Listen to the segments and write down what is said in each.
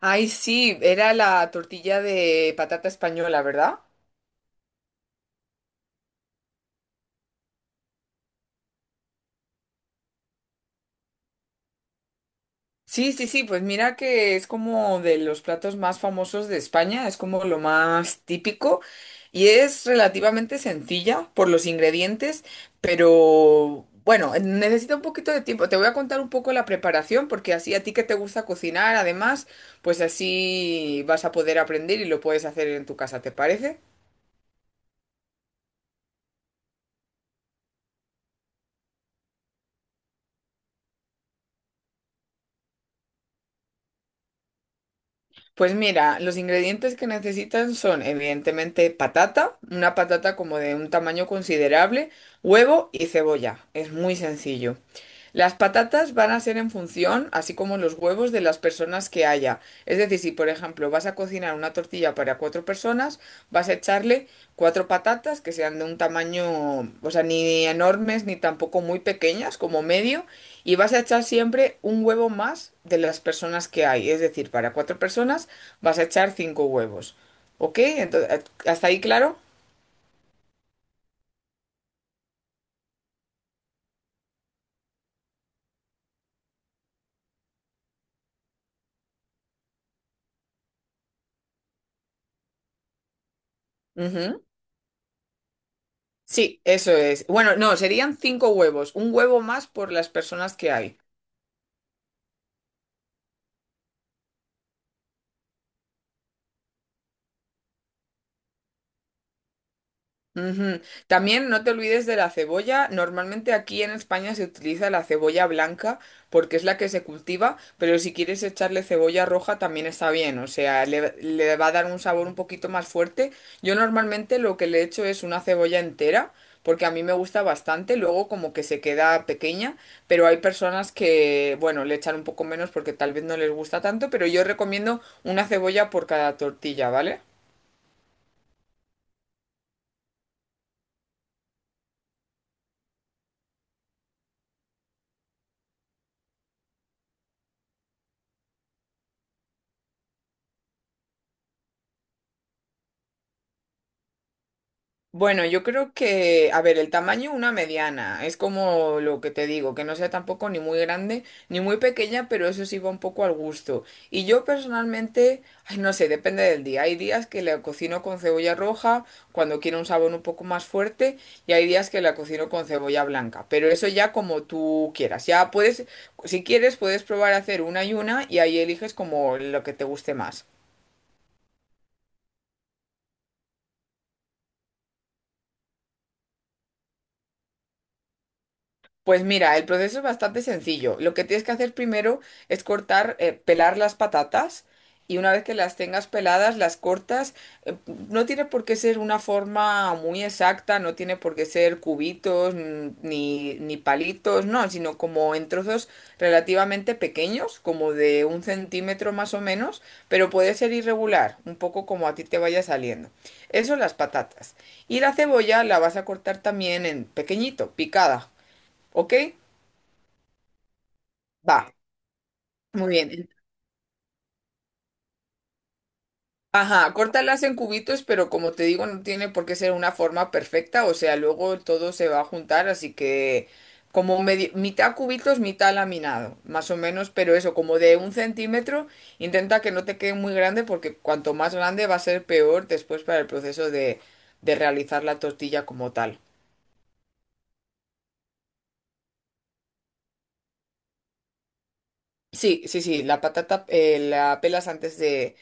Ay, sí, era la tortilla de patata española, ¿verdad? Sí, sí, sí, pues mira que es como de los platos más famosos de España, es como lo más típico y es relativamente sencilla por los ingredientes, pero bueno, necesita un poquito de tiempo. Te voy a contar un poco la preparación porque así a ti que te gusta cocinar, además, pues así vas a poder aprender y lo puedes hacer en tu casa, ¿te parece? Pues mira, los ingredientes que necesitan son evidentemente patata, una patata como de un tamaño considerable, huevo y cebolla. Es muy sencillo. Las patatas van a ser en función, así como los huevos, de las personas que haya. Es decir, si por ejemplo vas a cocinar una tortilla para cuatro personas, vas a echarle cuatro patatas que sean de un tamaño, o sea, ni enormes ni tampoco muy pequeñas, como medio, y vas a echar siempre un huevo más de las personas que hay. Es decir, para cuatro personas vas a echar cinco huevos. ¿Ok? Entonces, ¿hasta ahí claro? Ujú. Sí, eso es. Bueno, no, serían cinco huevos. Un huevo más por las personas que hay. Ujú. También no te olvides de la cebolla. Normalmente aquí en España se utiliza la cebolla blanca porque es la que se cultiva, pero si quieres echarle cebolla roja también está bien, o sea, le va a dar un sabor un poquito más fuerte. Yo normalmente lo que le echo es una cebolla entera porque a mí me gusta bastante, luego como que se queda pequeña, pero hay personas que, bueno, le echan un poco menos porque tal vez no les gusta tanto, pero yo recomiendo una cebolla por cada tortilla, ¿vale? Bueno, yo creo que, a ver, el tamaño una mediana, es como lo que te digo, que no sea tampoco ni muy grande ni muy pequeña, pero eso sí va un poco al gusto. Y yo personalmente, ay, no sé, depende del día. Hay días que la cocino con cebolla roja cuando quiero un sabor un poco más fuerte y hay días que la cocino con cebolla blanca, pero eso ya como tú quieras. Ya puedes, si quieres, puedes probar a hacer una y ahí eliges como lo que te guste más. Pues mira, el proceso es bastante sencillo. Lo que tienes que hacer primero es cortar, pelar las patatas y una vez que las tengas peladas, las cortas. eh, no tiene por qué ser una forma muy exacta, no tiene por qué ser cubitos, ni palitos, no, sino como en trozos relativamente pequeños, como de 1 centímetro más o menos, pero puede ser irregular, un poco como a ti te vaya saliendo. Eso las patatas. Y la cebolla la vas a cortar también en pequeñito, picada. ¿Ok? Va, muy bien. Ajá, córtalas en cubitos, pero como te digo, no tiene por qué ser una forma perfecta, o sea, luego todo se va a juntar, así que como mitad cubitos, mitad laminado, más o menos, pero eso, como de 1 centímetro, intenta que no te quede muy grande, porque cuanto más grande va a ser peor después para el proceso de realizar la tortilla como tal. Sí, sí, sí, la patata la pelas antes de,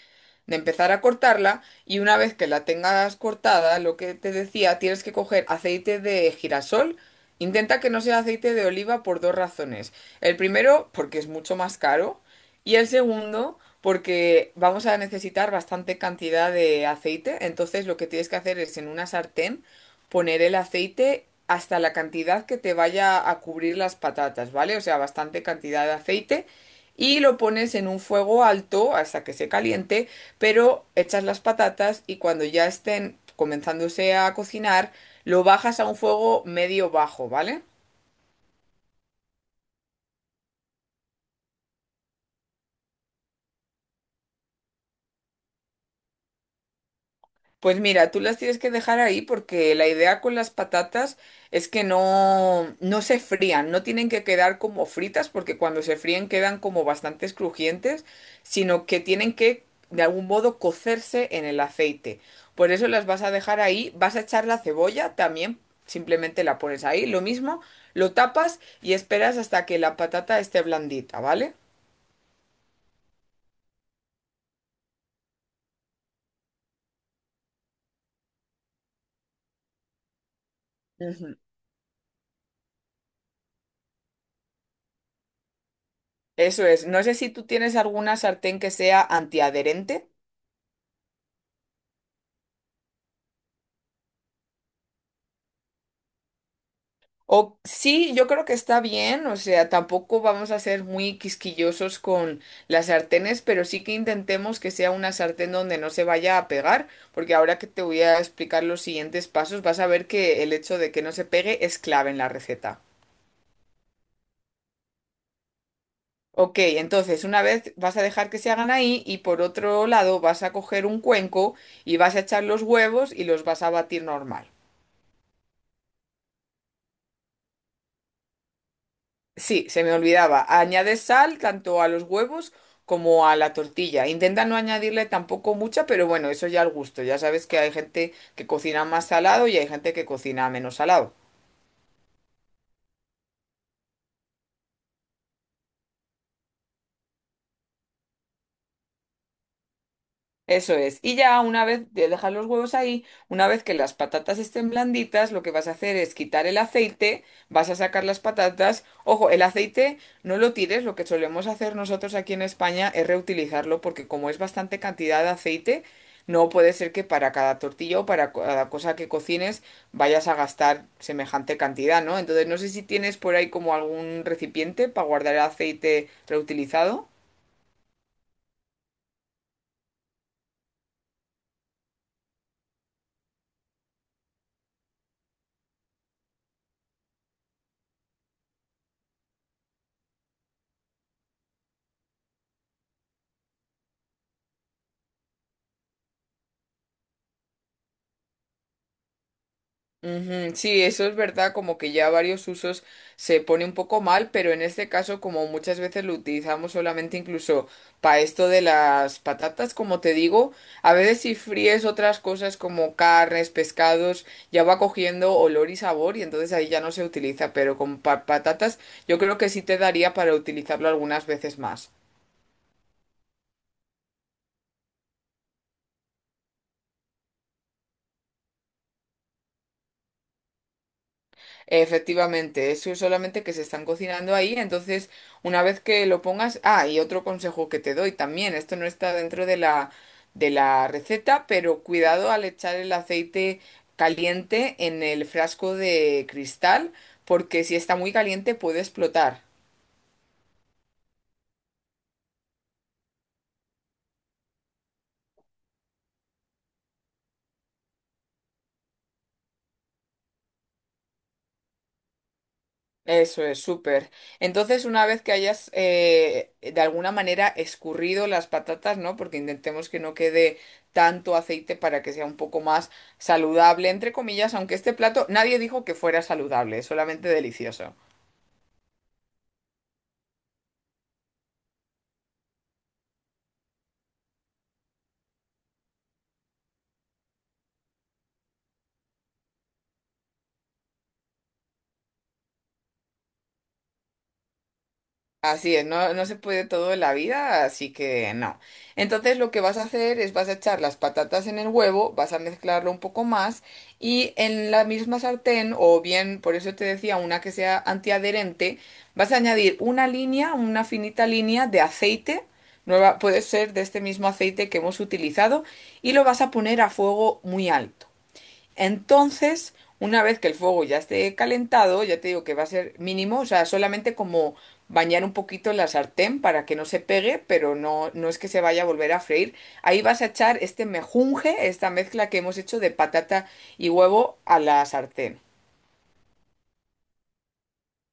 de empezar a cortarla y una vez que la tengas cortada, lo que te decía, tienes que coger aceite de girasol. Intenta que no sea aceite de oliva por dos razones. El primero, porque es mucho más caro y el segundo, porque vamos a necesitar bastante cantidad de aceite. Entonces lo que tienes que hacer es en una sartén poner el aceite hasta la cantidad que te vaya a cubrir las patatas, ¿vale? O sea, bastante cantidad de aceite y lo pones en un fuego alto hasta que se caliente, pero echas las patatas y cuando ya estén comenzándose a cocinar, lo bajas a un fuego medio bajo, ¿vale? Pues mira, tú las tienes que dejar ahí porque la idea con las patatas es que no, no se frían, no tienen que quedar como fritas porque cuando se fríen quedan como bastante crujientes, sino que tienen que de algún modo cocerse en el aceite. Por eso las vas a dejar ahí, vas a echar la cebolla también, simplemente la pones ahí, lo mismo, lo tapas y esperas hasta que la patata esté blandita, ¿vale? Ujú. Eso es, no sé si tú tienes alguna sartén que sea antiadherente. O, sí, yo creo que está bien, o sea, tampoco vamos a ser muy quisquillosos con las sartenes, pero sí que intentemos que sea una sartén donde no se vaya a pegar, porque ahora que te voy a explicar los siguientes pasos, vas a ver que el hecho de que no se pegue es clave en la receta. Ok, entonces una vez vas a dejar que se hagan ahí y por otro lado vas a coger un cuenco y vas a echar los huevos y los vas a batir normal. Sí, se me olvidaba. Añade sal tanto a los huevos como a la tortilla. Intenta no añadirle tampoco mucha, pero bueno, eso ya al gusto. Ya sabes que hay gente que cocina más salado y hay gente que cocina menos salado. Eso es. Y ya una vez de dejar los huevos ahí, una vez que las patatas estén blanditas, lo que vas a hacer es quitar el aceite, vas a sacar las patatas. Ojo, el aceite no lo tires, lo que solemos hacer nosotros aquí en España es reutilizarlo porque como es bastante cantidad de aceite, no puede ser que para cada tortilla o para cada cosa que cocines vayas a gastar semejante cantidad, ¿no? Entonces no sé si tienes por ahí como algún recipiente para guardar el aceite reutilizado. Ujú, sí, eso es verdad, como que ya varios usos se pone un poco mal, pero en este caso, como muchas veces lo utilizamos solamente incluso para esto de las patatas, como te digo, a veces si fríes otras cosas como carnes, pescados, ya va cogiendo olor y sabor y entonces ahí ya no se utiliza, pero con patatas yo creo que sí te daría para utilizarlo algunas veces más. Efectivamente, eso es solamente que se están cocinando ahí, entonces una vez que lo pongas, ah, y otro consejo que te doy también, esto no está dentro de la receta, pero cuidado al echar el aceite caliente en el frasco de cristal, porque si está muy caliente puede explotar. Eso es, súper. Entonces, una vez que hayas de alguna manera escurrido las patatas, ¿no? Porque intentemos que no quede tanto aceite para que sea un poco más saludable, entre comillas, aunque este plato nadie dijo que fuera saludable, es solamente delicioso. Así es, no, no se puede todo en la vida, así que no. Entonces lo que vas a hacer es vas a echar las patatas en el huevo, vas a mezclarlo un poco más y en la misma sartén, o bien, por eso te decía, una que sea antiadherente, vas a añadir una línea, una finita línea de aceite, nueva, puede ser de este mismo aceite que hemos utilizado, y lo vas a poner a fuego muy alto. Entonces, una vez que el fuego ya esté calentado, ya te digo que va a ser mínimo, o sea, solamente como bañar un poquito la sartén para que no se pegue, pero no, no es que se vaya a volver a freír. Ahí vas a echar este mejunje, esta mezcla que hemos hecho de patata y huevo a la sartén.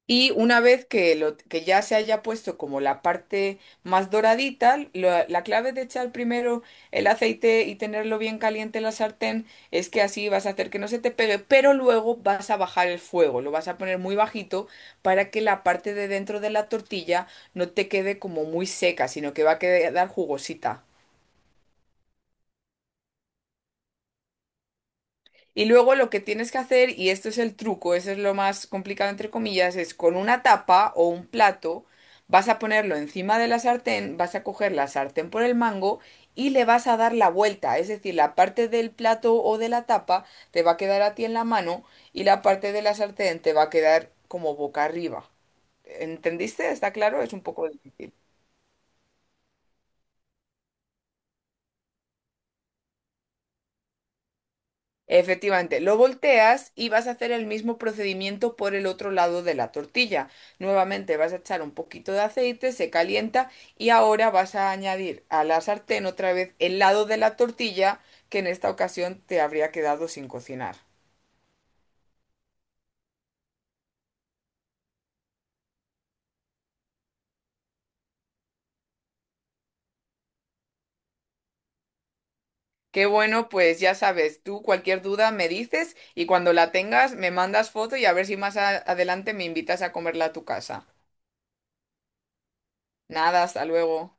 Y una vez que, que ya se haya puesto como la parte más doradita, la clave de echar primero el aceite y tenerlo bien caliente en la sartén es que así vas a hacer que no se te pegue, pero luego vas a bajar el fuego, lo vas a poner muy bajito para que la parte de dentro de la tortilla no te quede como muy seca, sino que va a quedar jugosita. Y luego lo que tienes que hacer, y esto es el truco, eso es lo más complicado entre comillas, es con una tapa o un plato, vas a ponerlo encima de la sartén, vas a coger la sartén por el mango y le vas a dar la vuelta, es decir, la parte del plato o de la tapa te va a quedar a ti en la mano y la parte de la sartén te va a quedar como boca arriba. ¿Entendiste? ¿Está claro? Es un poco difícil. Efectivamente, lo volteas y vas a hacer el mismo procedimiento por el otro lado de la tortilla. Nuevamente vas a echar un poquito de aceite, se calienta y ahora vas a añadir a la sartén otra vez el lado de la tortilla que en esta ocasión te habría quedado sin cocinar. Qué bueno, pues ya sabes, tú cualquier duda me dices y cuando la tengas me mandas foto y a ver si más adelante me invitas a comerla a tu casa. Nada, hasta luego.